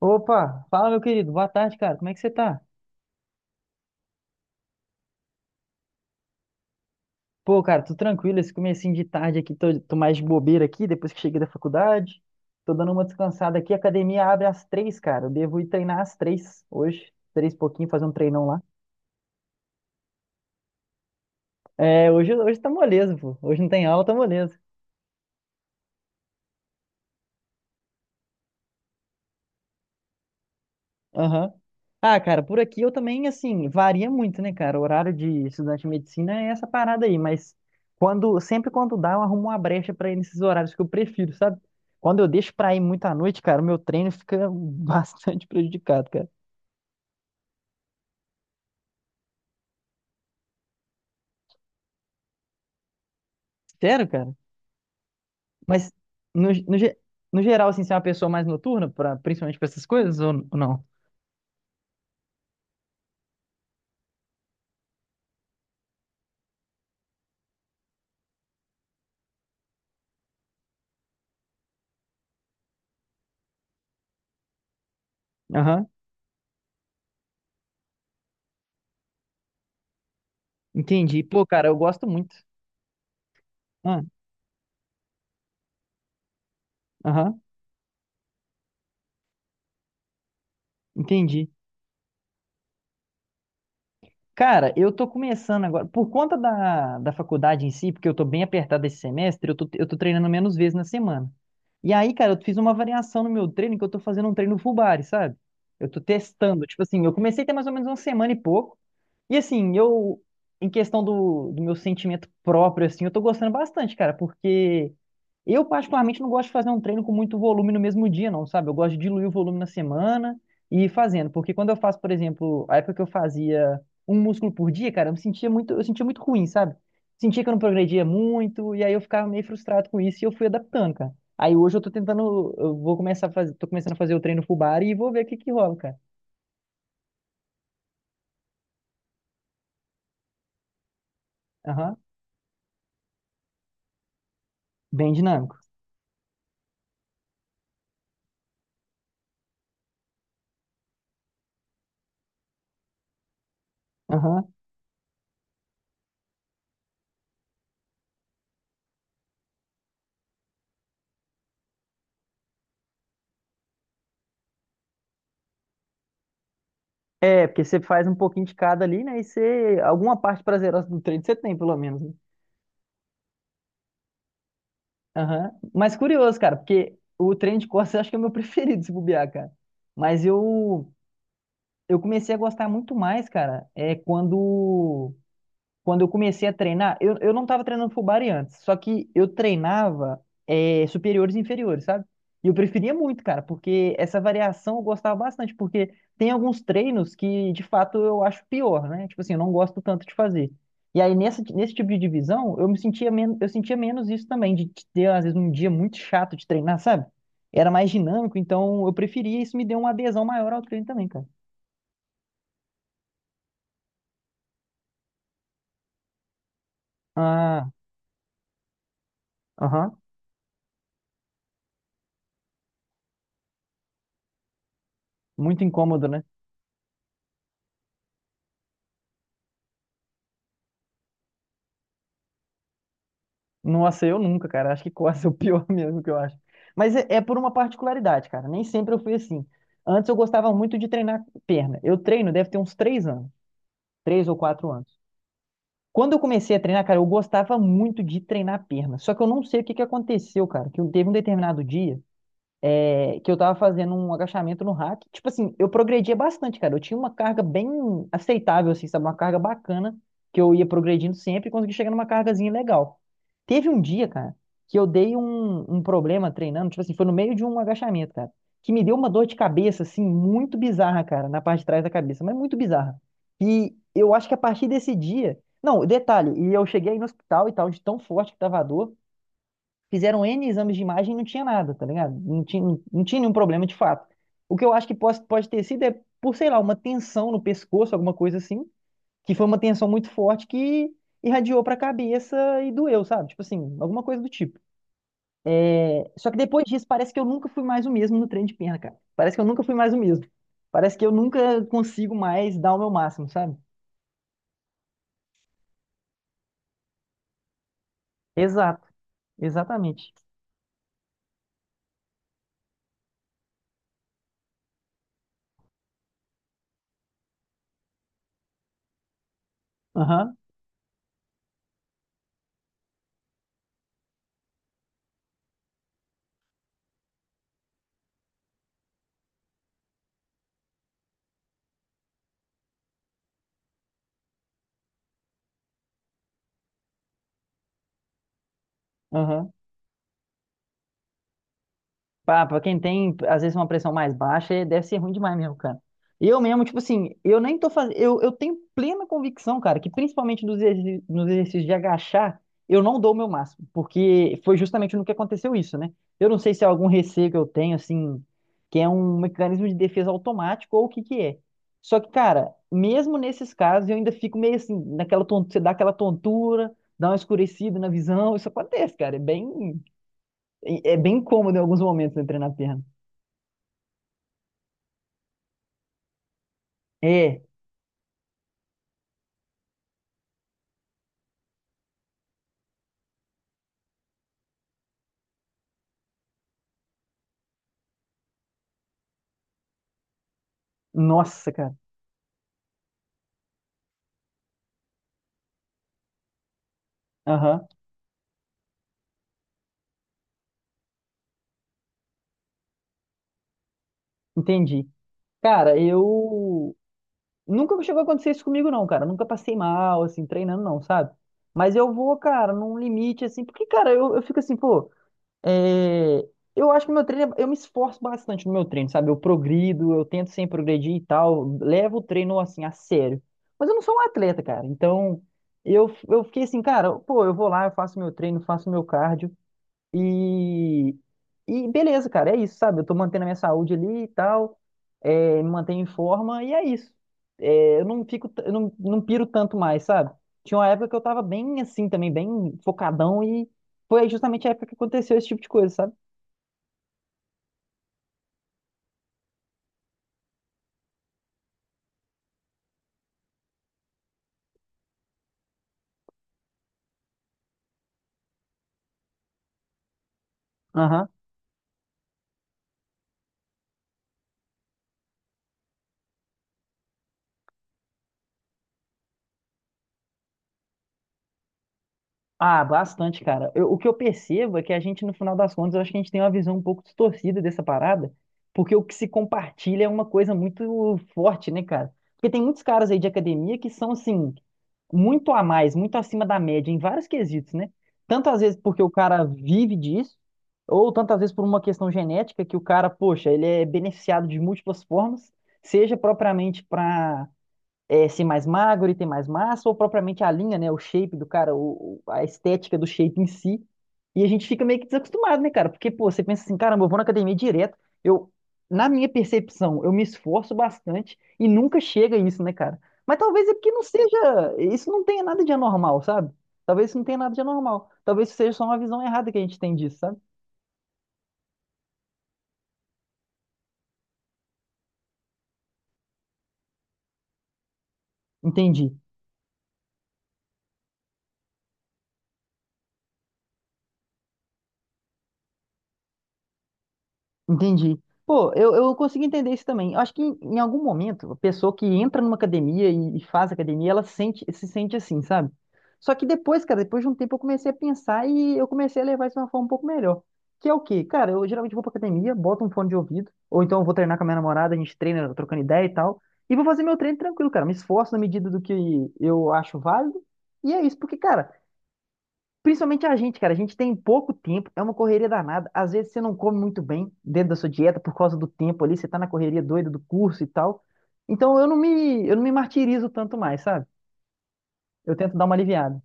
Opa, fala meu querido, boa tarde, cara. Como é que você tá? Pô, cara, tô tranquilo, esse comecinho de tarde aqui, tô mais de bobeira aqui, depois que cheguei da faculdade. Tô dando uma descansada aqui, a academia abre às 3, cara. Eu devo ir treinar às 3 hoje, 3 e pouquinho, fazer um treinão lá. É, hoje tá moleza, pô. Hoje não tem aula, tá moleza. Aham. Ah, cara, por aqui eu também, assim, varia muito, né, cara? O horário de estudante de medicina é essa parada aí, mas quando, sempre quando dá, eu arrumo uma brecha pra ir nesses horários que eu prefiro, sabe? Quando eu deixo pra ir muito à noite, cara, o meu treino fica bastante prejudicado, cara. Sério, cara? Mas no, no, ge- no geral, assim, você é uma pessoa mais noturna, pra, principalmente pra essas coisas, ou não? Aham, entendi. Pô, cara, eu gosto muito. Ah, aham, entendi. Cara, eu tô começando agora, por conta da faculdade em si, porque eu tô bem apertado esse semestre, eu tô treinando menos vezes na semana. E aí, cara, eu fiz uma variação no meu treino, que eu tô fazendo um treino full body, sabe? Eu tô testando, tipo assim, eu comecei tem mais ou menos uma semana e pouco, e assim, eu, em questão do meu sentimento próprio, assim, eu tô gostando bastante, cara, porque eu particularmente não gosto de fazer um treino com muito volume no mesmo dia, não, sabe? Eu gosto de diluir o volume na semana e ir fazendo, porque quando eu faço, por exemplo, a época que eu fazia um músculo por dia, cara, eu me sentia muito, eu sentia muito ruim, sabe? Sentia que eu não progredia muito, e aí eu ficava meio frustrado com isso e eu fui adaptando, cara. Aí hoje eu tô tentando, eu vou começar a fazer, tô começando a fazer o treino full body e vou ver o que que rola, cara. Aham, bem dinâmico. Aham. É, porque você faz um pouquinho de cada ali, né? E você, alguma parte prazerosa do treino você tem, pelo menos, né? Aham. Mas curioso, cara, porque o treino de costas eu acho que é o meu preferido, se bobear, cara. Mas eu comecei a gostar muito mais, cara, é quando eu comecei a treinar, eu não estava treinando full body antes, só que eu treinava superiores e inferiores, sabe? E eu preferia muito, cara, porque essa variação eu gostava bastante, porque tem alguns treinos que de fato eu acho pior, né? Tipo assim, eu não gosto tanto de fazer. E aí nesse tipo de divisão, eu me sentia menos, eu sentia menos isso também, de ter às vezes um dia muito chato de treinar, sabe? Era mais dinâmico, então eu preferia, isso me deu uma adesão maior ao treino também, cara. Ah, aham. Muito incômodo, né? Nossa, eu nunca, cara. Acho que quase é o pior mesmo que eu acho. Mas é, é por uma particularidade, cara. Nem sempre eu fui assim. Antes eu gostava muito de treinar perna. Eu treino, deve ter uns 3 anos, 3 ou 4 anos. Quando eu comecei a treinar, cara, eu gostava muito de treinar perna. Só que eu não sei o que que aconteceu, cara. Teve um determinado dia que eu tava fazendo um agachamento no rack. Tipo assim, eu progredia bastante, cara. Eu tinha uma carga bem aceitável, assim, sabe? Uma carga bacana, que eu ia progredindo sempre e consegui chegar numa cargazinha legal. Teve um dia, cara, que eu dei um problema treinando, tipo assim, foi no meio de um agachamento, cara, que me deu uma dor de cabeça, assim, muito bizarra, cara, na parte de trás da cabeça, mas muito bizarra. E eu acho que a partir desse dia. Não, detalhe, e eu cheguei aí no hospital e tal, de tão forte que tava a dor. Fizeram N exames de imagem e não tinha nada, tá ligado? Não tinha nenhum problema de fato. O que eu acho que pode ter sido é por, sei lá, uma tensão no pescoço, alguma coisa assim, que foi uma tensão muito forte que irradiou pra cabeça e doeu, sabe? Tipo assim, alguma coisa do tipo. Só que depois disso, parece que eu nunca fui mais o mesmo no treino de perna, cara. Parece que eu nunca fui mais o mesmo. Parece que eu nunca consigo mais dar o meu máximo, sabe? Exato, exatamente. Aham, aham. Pra quem tem, às vezes, uma pressão mais baixa, é- deve ser ruim demais mesmo, cara. Eu mesmo, tipo assim, eu nem tô fazendo. Eu tenho plena convicção, cara, que principalmente nos exercícios de agachar, eu não dou o meu máximo. Porque foi justamente no que aconteceu isso, né? Eu não sei se é algum receio que eu tenho, assim, que é um mecanismo de defesa automático ou o que que é. Só que, cara, mesmo nesses casos, eu ainda fico meio assim, naquela tontura, você dá aquela tontura, dá uma escurecida na visão, isso acontece, cara. É bem. E é bem cômodo em alguns momentos né, treinar a perna. É, nossa, cara. Aham, entendi. Cara, eu. Nunca chegou a acontecer isso comigo, não, cara. Nunca passei mal, assim, treinando, não, sabe? Mas eu vou, cara, num limite, assim, porque, cara, eu fico assim, pô. é, Eu acho que meu treino. Eu me esforço bastante no meu treino, sabe? Eu progrido, eu tento sempre progredir e tal. Levo o treino, assim, a sério. Mas eu não sou um atleta, cara. Então, eu fiquei assim, cara, pô, eu vou lá, eu faço meu treino, faço meu cardio. E, e beleza, cara, é isso, sabe? Eu tô mantendo a minha saúde ali e tal, é, me mantenho em forma e é isso. É, eu não fico, eu não piro tanto mais, sabe? Tinha uma época que eu tava bem assim também, bem focadão e foi justamente a época que aconteceu esse tipo de coisa, sabe? Ah, bastante, cara. O que eu percebo é que a gente, no final das contas, eu acho que a gente tem uma visão um pouco distorcida dessa parada, porque o que se compartilha é uma coisa muito forte, né, cara? Porque tem muitos caras aí de academia que são, assim, muito a mais, muito acima da média em vários quesitos, né? Tanto às vezes porque o cara vive disso, ou tanto às vezes por uma questão genética que o cara, poxa, ele é beneficiado de múltiplas formas, seja propriamente para ser mais magro e ter mais massa, ou propriamente a linha, né? O shape do cara, a estética do shape em si. E a gente fica meio que desacostumado, né, cara? Porque, pô, você pensa assim, caramba, eu vou na academia direto. Eu, na minha percepção, eu me esforço bastante e nunca chega isso, né, cara? Mas talvez é porque não seja. Isso não tenha nada de anormal, sabe? Talvez isso não tenha nada de anormal. Talvez isso seja só uma visão errada que a gente tem disso, sabe? Entendi. Entendi. Pô, eu consigo entender isso também. Eu acho que em algum momento, a pessoa que entra numa academia e faz academia, ela sente, se sente assim, sabe? Só que depois, cara, depois de um tempo eu comecei a pensar e eu comecei a levar isso de uma forma um pouco melhor. Que é o quê? Cara, eu geralmente vou pra academia, boto um fone de ouvido, ou então eu vou treinar com a minha namorada, a gente treina, trocando ideia e tal, e vou fazer meu treino tranquilo, cara. Me esforço na medida do que eu acho válido, e é isso, porque, cara. Principalmente a gente, cara, a gente tem pouco tempo, é uma correria danada. Às vezes você não come muito bem dentro da sua dieta por causa do tempo ali, você tá na correria doida do curso e tal. Então eu não me martirizo tanto mais, sabe? Eu tento dar uma aliviada.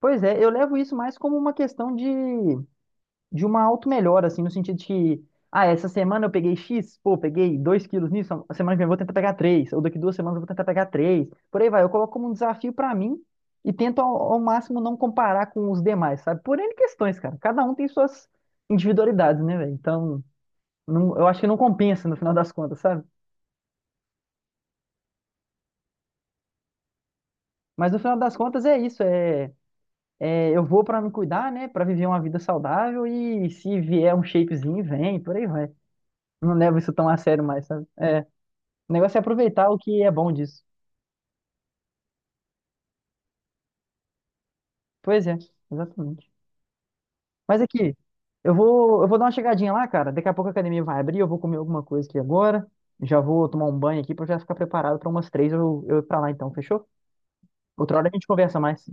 Pois é, eu levo isso mais como uma questão de uma auto-melhora, assim, no sentido de que, ah, essa semana eu peguei X, pô, peguei 2 quilos nisso, a semana que vem eu vou tentar pegar 3 ou daqui duas semanas eu vou tentar pegar 3 por aí vai. Eu coloco como um desafio pra mim e tento ao máximo não comparar com os demais, sabe? Por N questões, cara. Cada um tem suas individualidades, né, velho? Então, eu acho que não compensa no final das contas, sabe? Mas no final das contas é isso, é. É, eu vou pra me cuidar, né? Pra viver uma vida saudável e se vier um shapezinho, vem, por aí vai. Não levo isso tão a sério mais, sabe? É. O negócio é aproveitar o que é bom disso. Pois é, exatamente. Mas aqui, eu vou dar uma chegadinha lá, cara. Daqui a pouco a academia vai abrir, eu vou comer alguma coisa aqui agora. Já vou tomar um banho aqui pra eu já ficar preparado pra umas 3 eu ir pra lá então, fechou? Outra hora a gente conversa mais.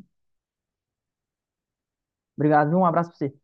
Obrigado, viu? Um abraço pra você.